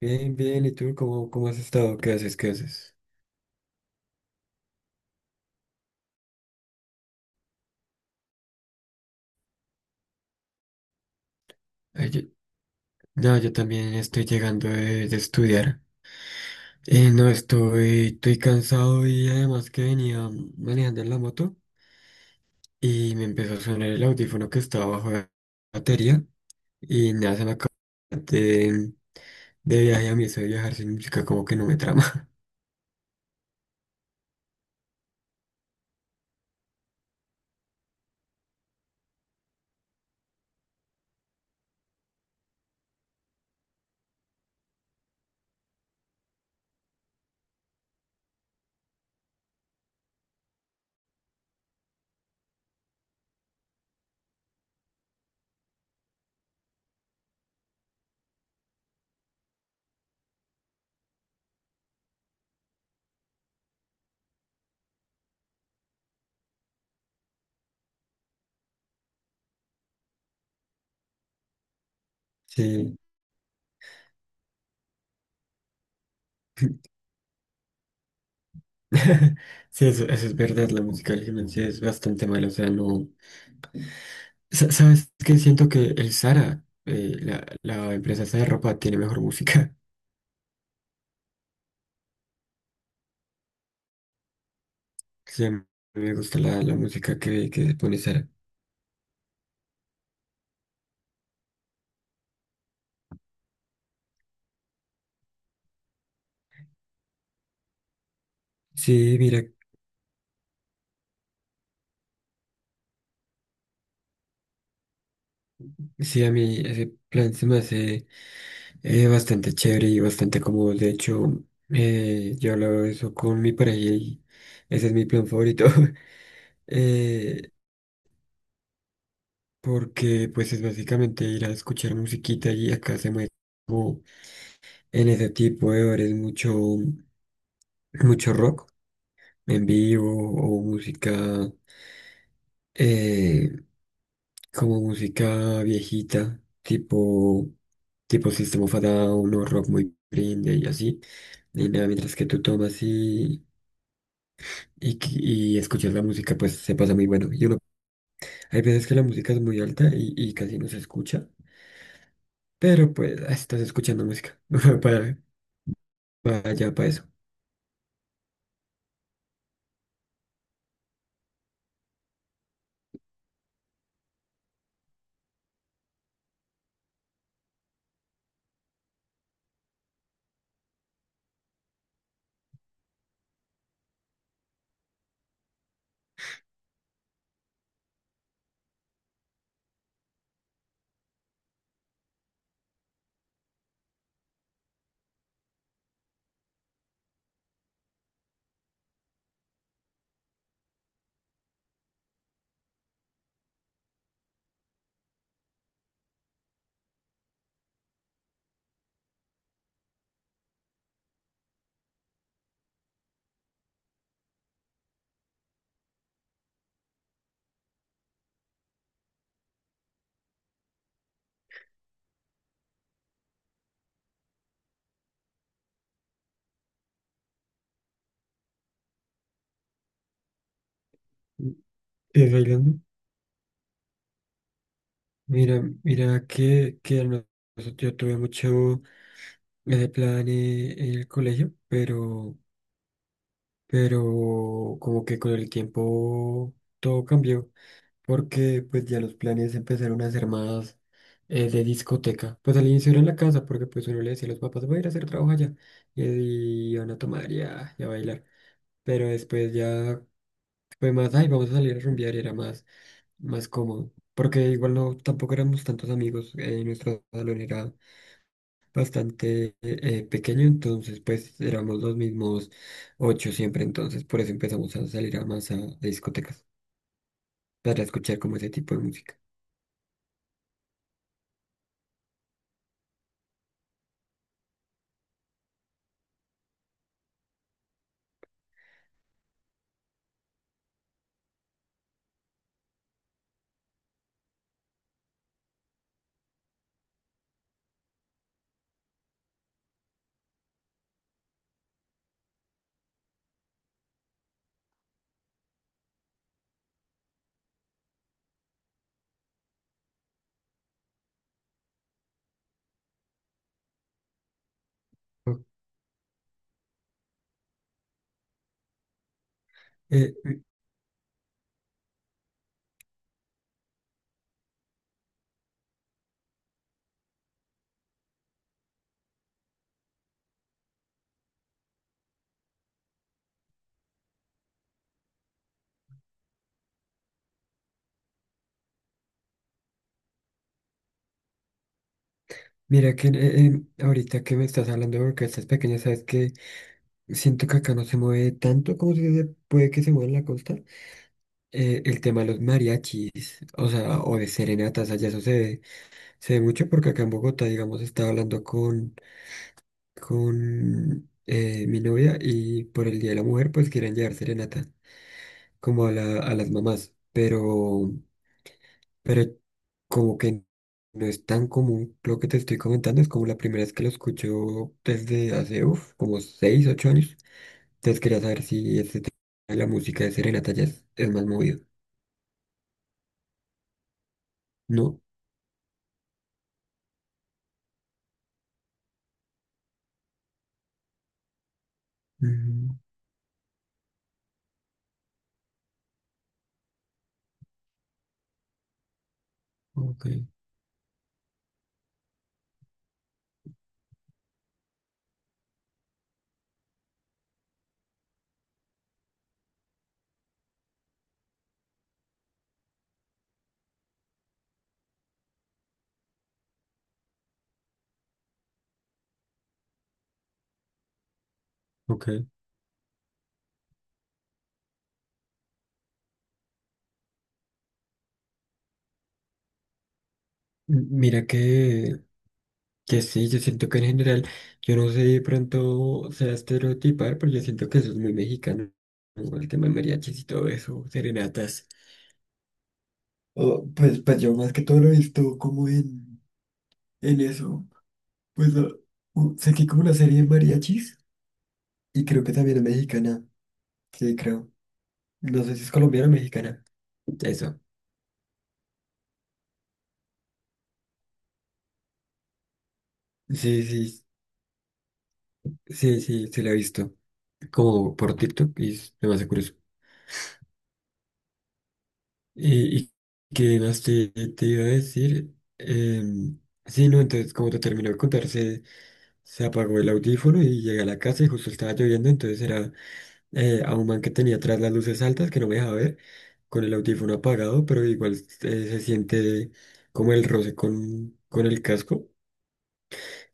Bien, bien, ¿y tú cómo has estado? ¿Qué haces? ¿Qué haces? Ay, yo- no, yo también estoy llegando de estudiar. No, estoy cansado y además que venía manejando en la moto y me empezó a sonar el audífono que estaba bajo la batería y nada, se me acabó de, de viaje a mí, eso de viajar sin música como que no me trama. Sí, sí, eso es verdad, la música al gimnasio es bastante mala, o sea, no. ¿Sabes qué? Siento que el Zara, la empresa esa de ropa, tiene mejor música. Sí, a mí me gusta la música que pone Zara. Sí, mira, sí, a mí ese plan se me hace bastante chévere y bastante cómodo. De hecho, yo hablo de eso con mi pareja y ese es mi plan favorito. Eh, porque pues es básicamente ir a escuchar musiquita y acá se mueve como en ese tipo de horas mucho, mucho rock en vivo o música eh, como música viejita, tipo System of a Down o rock muy Green y así. Y nada, mientras que tú tomas y escuchas la música, pues se pasa muy bueno. Y uno, hay veces que la música es muy alta y casi no se escucha, pero pues ah, estás escuchando música para, para allá, para eso. ¿Y bailando? Mira, mira que yo tuve mucho ese plan en el colegio, pero como que con el tiempo todo cambió, porque pues ya los planes empezaron a ser más de discoteca. Pues al inicio era en la casa, porque pues uno le decía a los papás, voy a ir a hacer trabajo allá, y van a tomar y a bailar. Pero después ya fue más, ay, vamos a salir a rumbear, y era más, más cómodo. Porque igual no, tampoco éramos tantos amigos, en nuestro salón era bastante pequeño, entonces pues éramos los mismos ocho siempre, entonces por eso empezamos a salir a más a discotecas para escuchar como ese tipo de música. Eh, m- Mira que ahorita que me estás hablando de orquestas pequeñas, sabes que siento que acá no se mueve tanto como si se puede que se mueva en la costa. El tema de los mariachis, o sea, o de serenatas, allá eso se ve mucho porque acá en Bogotá, digamos, estaba hablando con mi novia y por el Día de la Mujer pues querían llevar serenata como a las mamás, pero como que no es tan común lo que te estoy comentando, es como la primera vez que lo escucho desde hace uf, como 6, 8 años, entonces quería saber si este tema de la música de serenata ya es más movido. No. Mm, ok, ok. Mira que sí, yo siento que en general, yo no sé de pronto sea estereotipar, pero yo siento que eso es muy mexicano. ¿No? El tema de mariachis y todo eso, serenatas. Oh, pues, pues yo más que todo lo he visto como en eso. Pues lo- Sé que hay como una serie de mariachis y creo que también es mexicana. Sí, creo. No sé si es colombiana o mexicana. Eso. Sí, sí, sí, sí, se la he visto. Como por TikTok y es demasiado curioso. Y que no sé, te iba a decir, sí, no, entonces como te terminó de contar, se apagó el audífono y llegué a la casa y justo estaba lloviendo, entonces era a un man que tenía atrás las luces altas que no me dejaba ver, con el audífono apagado, pero igual se siente como el roce con el casco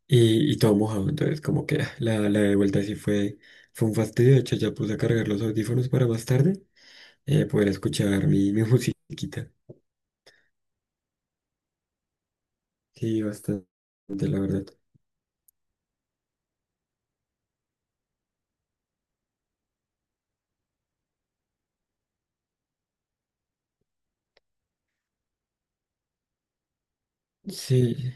y todo mojado, entonces como que ah, la de vuelta sí fue, fue un fastidio, de hecho ya puse a cargar los audífonos para más tarde poder escuchar mi musiquita. Sí, bastante, la verdad. Sí,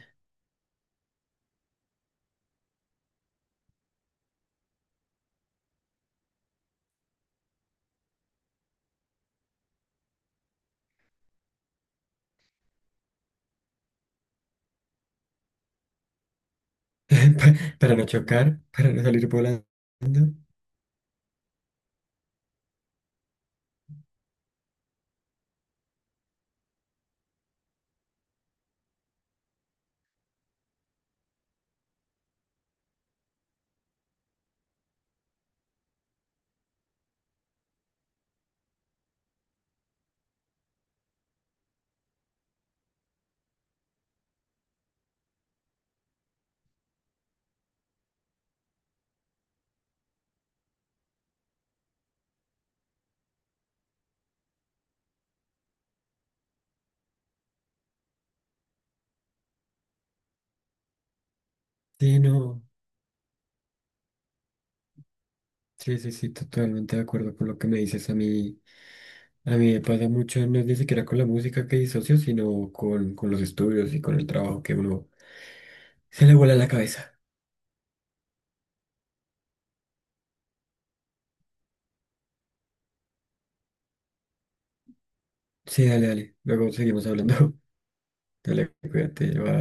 pa- para no chocar, para no salir volando. Sí, no. Sí, sí, sí, totalmente de acuerdo con lo que me dices. A mí me pasa mucho, no es ni siquiera con la música que disocio, sino con los estudios y con el trabajo que uno se le vuela la cabeza. Sí, dale, dale. Luego seguimos hablando. Dale, cuídate, bye.